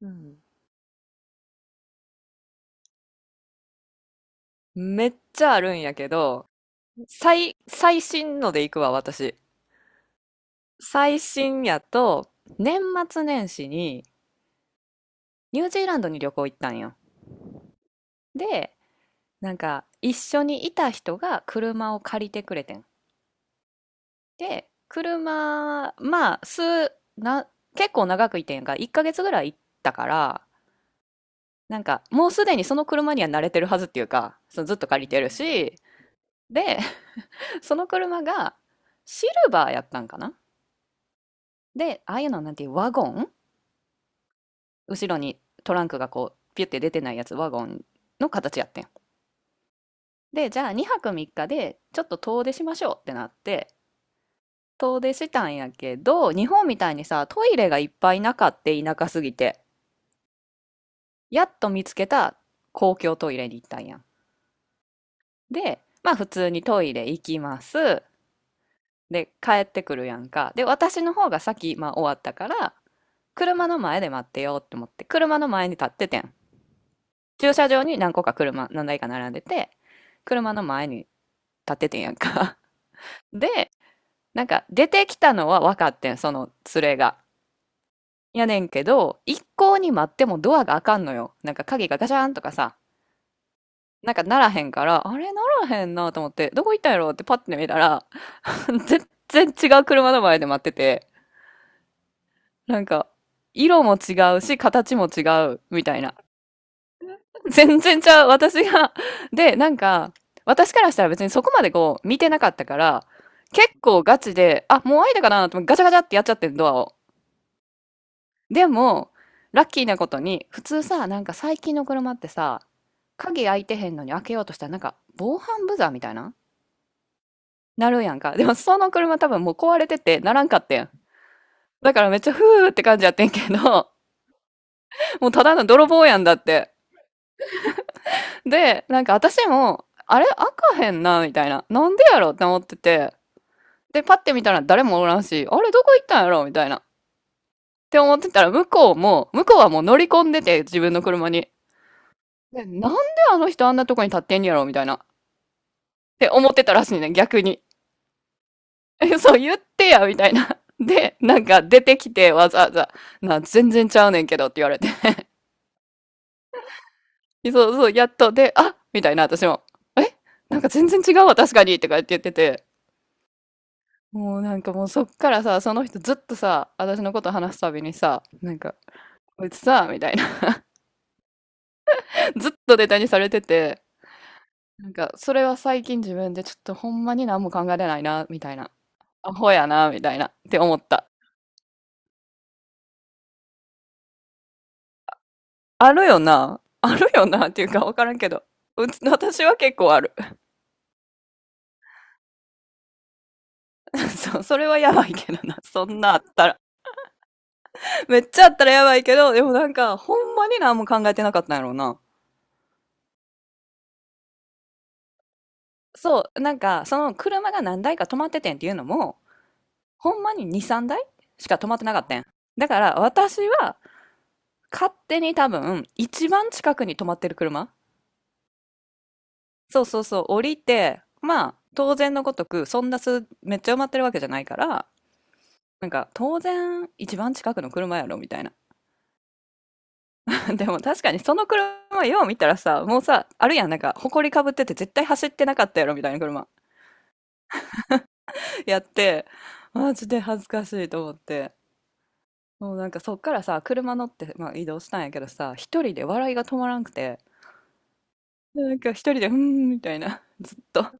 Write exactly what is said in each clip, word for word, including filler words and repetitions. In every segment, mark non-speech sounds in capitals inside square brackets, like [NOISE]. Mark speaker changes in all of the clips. Speaker 1: うん。めっちゃあるんやけど、最、最新ので行くわ、私。最新やと、年末年始にニュージーランドに旅行行ったんよ。で、なんか、一緒にいた人が車を借りてくれてん。で、車、まあ、数、な、結構長くいてんやんか。いっかげつぐらい行ったから、なんか、もうすでにその車には慣れてるはずっていうか、そのずっと借りてるし。で、[LAUGHS] その車がシルバーやったんかな。で、ああいうのはなんていうワゴン、後ろにトランクがこうピュって出てないやつ、ワゴンの形やってん。で、じゃあにはくみっかでちょっと遠出しましょうってなって、遠出したんやけど、日本みたいにさ、トイレがいっぱいなかって、田舎すぎて、やっと見つけた公共トイレに行ったんやん。で、まあ普通にトイレ行きます。で、帰ってくるやんか。で、私の方が先、まあ終わったから、車の前で待ってようって思って、車の前に立っててん。駐車場に何個か車、何台か並んでて、車の前に立っててんやんか。 [LAUGHS] で、なんか出てきたのは分かってん、その連れがやねんけど、一向に待ってもドアが開かんのよ。なんか鍵がガチャーンとかさ、なんかならへんから、あれならへんなと思って、どこ行ったんやろってパッて見たら、 [LAUGHS] 全然違う車の前で待ってて、なんか色も違うし形も違うみたいな。全然ちゃう、私が。[LAUGHS] で、なんか、私からしたら別にそこまでこう、見てなかったから、結構ガチで、あ、もう開いたかなと思って、ガチャガチャってやっちゃってん、ドアを。でも、ラッキーなことに、普通さ、なんか最近の車ってさ、鍵開いてへんのに開けようとしたら、なんか、防犯ブザーみたいななるやんか。でもその車多分もう壊れてて、ならんかってん。だからめっちゃふーって感じやってんけど、もうただの泥棒やんだって。で、なんか私も、あれ開かへんな、みたいな。なんでやろって思ってて。で、パッて見たら誰もおらんし、あれどこ行ったんやろみたいな。って思ってたら、向こうも、向こうはもう乗り込んでて、自分の車に。で、なんであの人あんなとこに立ってんやろみたいな。って思ってたらしいね、逆に。え、そう言ってや、みたいな。で、なんか出てきて、わざわざ、な、全然ちゃうねんけどって言われて。[LAUGHS] そうそう、やっと、で、あみたいな、私も。え、なんか全然違うわ、確かにとか言って言ってて。もうなんかもうそっからさ、その人ずっとさ、私のこと話すたびにさ、なんか、こいつさ、みたいな、[LAUGHS] ずっとネタにされてて、なんか、それは最近自分でちょっとほんまに何も考えれないな、みたいな。アホやな、みたいな、って思った。あるよな。あるよな、っていうかわからんけど。うち、私は結構ある。[LAUGHS] そう、それはやばいけどな。そんなあったら。めっちゃあったらやばいけど、でもなんか、ほんまに何も考えてなかったんやろうな。そう、なんか、その車が何台か止まっててんっていうのも、ほんまにに、さんだいしか止まってなかったん。だから私は勝手に多分一番近くに止まってる車。そうそうそう、降りて、まあ当然のごとくそんなすめっちゃ埋まってるわけじゃないから、なんか当然一番近くの車やろみたいな。[LAUGHS] でも確かにその車よう見たらさ、もうさ、あるやん、なんか埃かぶってて絶対走ってなかったやろみたいな車 [LAUGHS] やって、マジで恥ずかしいと思って。もうなんかそっからさ、車乗って、まあ、移動したんやけどさ、一人で笑いが止まらんくて、なんか一人で、うーん、みたいな、[LAUGHS] ずっと。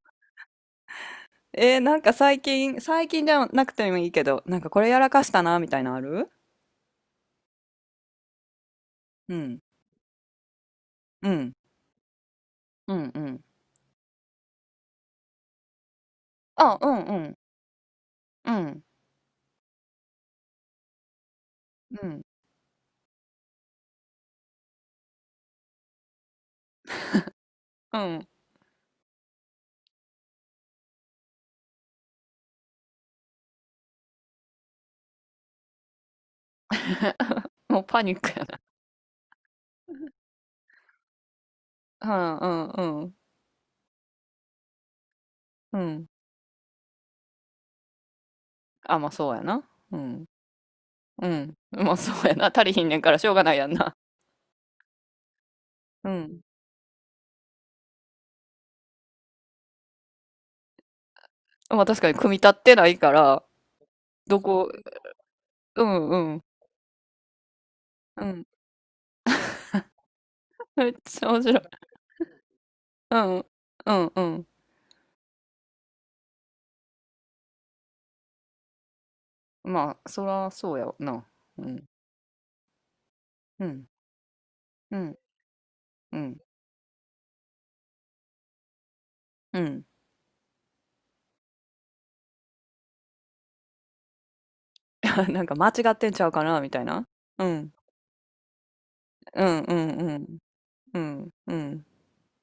Speaker 1: えー、なんか最近、最近じゃなくてもいいけど、なんかこれやらかしたな、みたいなのある。うん、うん、うん、うん。あ、うん、うん、うん、うん、うん。もうパニックやな。うん、うん、うん、うん。あ、まあそうやな。うん、うん。まあそうやな。足りひんねんからしょうがないやんな。うん。まあ確かに組み立ってないから、どこ、うん、うん、うん。めっちゃ面白い。うん、うん、うん。まあ、そらそうやわな。うん。うん、うん、うん、うん。[LAUGHS] なんか間違ってんちゃうかなみたいな。うん、うん、うん、うん、うん、うん。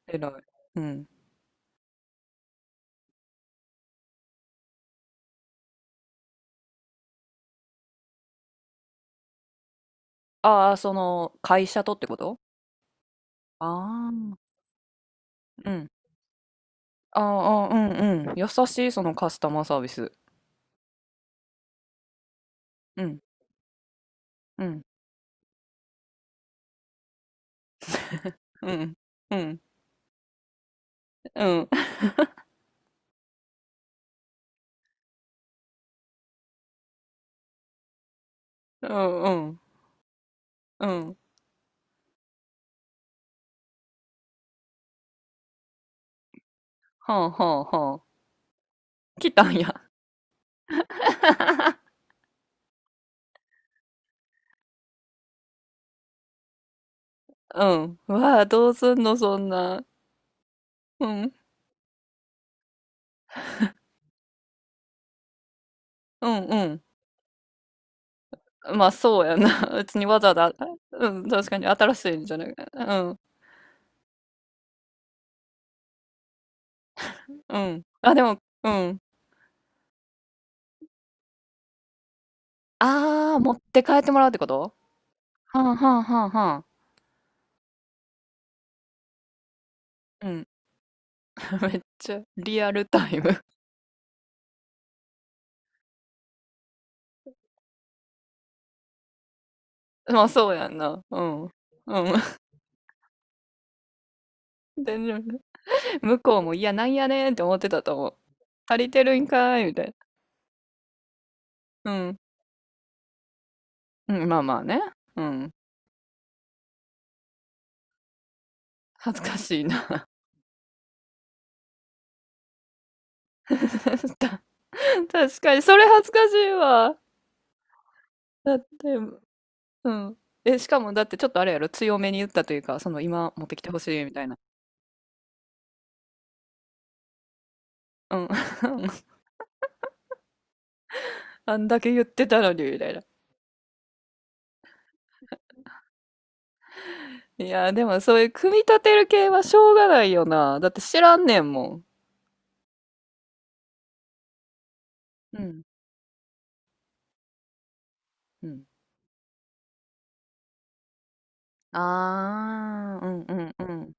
Speaker 1: 偉い。うん。ああ、その、会社とってこと。ああー、うん。ああ、うん、うん。優しい、そのカスタマーサービス。うん、うん、うん、うん、うん、うん、うん、うん。はあ、はあ、はあ。来たんや。[LAUGHS] うん。わあ、どうすんの、そんな。うん、うん、うん。まあ、そうやな。[LAUGHS] 別にわざわざうん、確かに新しいんじゃないうん、うん。あ、でもうん。あー、持って帰ってもらうってこと？はんはんはんはんうん。[LAUGHS] めっちゃリアルタイム。[LAUGHS] まあ、そうやんな。うん。うん。[LAUGHS] で、然向こうも、いや、なんやねんって思ってたと思う。足りてるんかーいみたいな。うん。うん、まあまあね。うん。恥ずかしいな。[LAUGHS] 確かにそれ恥ずかしいわ。だってうん。え、しかもだってちょっとあれやろ、強めに言ったというか、その今持ってきてほしいみたいな。うん。[LAUGHS] あんだけ言ってたのに、みたいな。いや、でもそういう組み立てる系はしょうがないよな。だって知らんねんもん。うん。うん。あー、うんうんうん。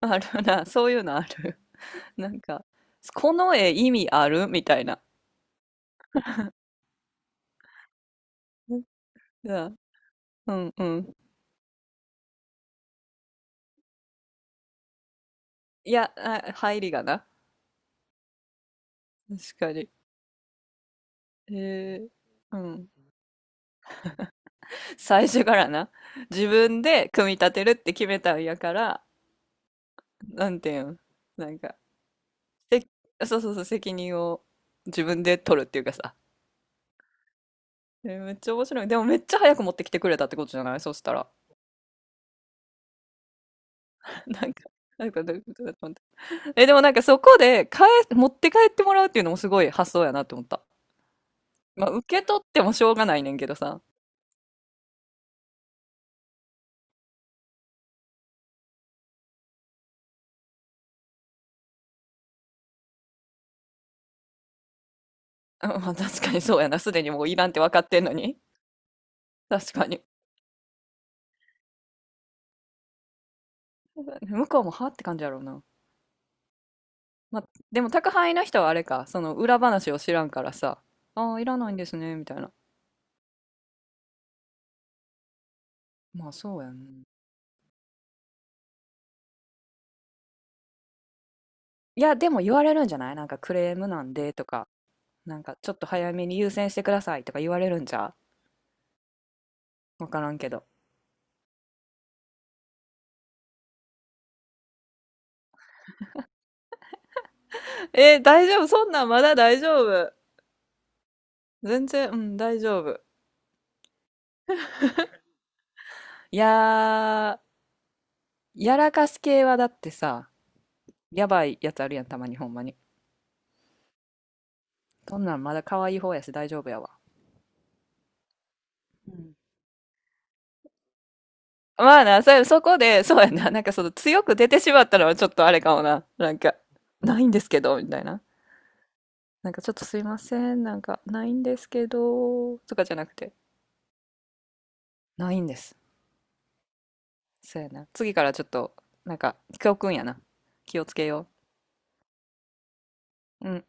Speaker 1: あるな、そういうのある。[LAUGHS] なんか、この絵意味あるみたいな。うんうんうん。いや、あ、入りがな。確かに。えー、うん。最初からな、自分で組み立てるって決めたんやから、なんていうん、なんか、せ、そうそうそう、責任を自分で取るっていうかさ。え、めっちゃ面白い。でもめっちゃ早く持ってきてくれたってことじゃないそしたら。[LAUGHS] なんか、なんか、どういうことだと思って、え、でもなんかそこで帰、か持って帰ってもらうっていうのもすごい発想やなって思った。まあ、受け取ってもしょうがないねんけどさ。うん、まあ、確かにそうやな。すでにもういらんって分かってんのに。確かに。[LAUGHS] 向こうもはって感じやろうな。まあ、でも宅配の人はあれか、その裏話を知らんからさ、ああ、いらないんですね、みたいな。まあ、そうやん。いや、でも言われるんじゃない？なんかクレームなんでとか、なんかちょっと早めに優先してくださいとか言われるんじゃ、うわからんけど。[LAUGHS] えー大丈夫、そんなんまだ大丈夫。全然、うん、大丈夫。いやー、やらかす系はだってさ、やばいやつあるやん、たまにほんまに。そんなんまだ可愛い方やし大丈夫やわ。うん、まあな、それ、そこで、そうやな、[LAUGHS] なんかその強く出てしまったのはちょっとあれかもな。なんか、ないんですけど、みたいな。なんかちょっとすいません、なんか、ないんですけど、とかじゃなくて、ないんです。そうやな。次からちょっと、なんか、教訓やな。気をつけよう。うん。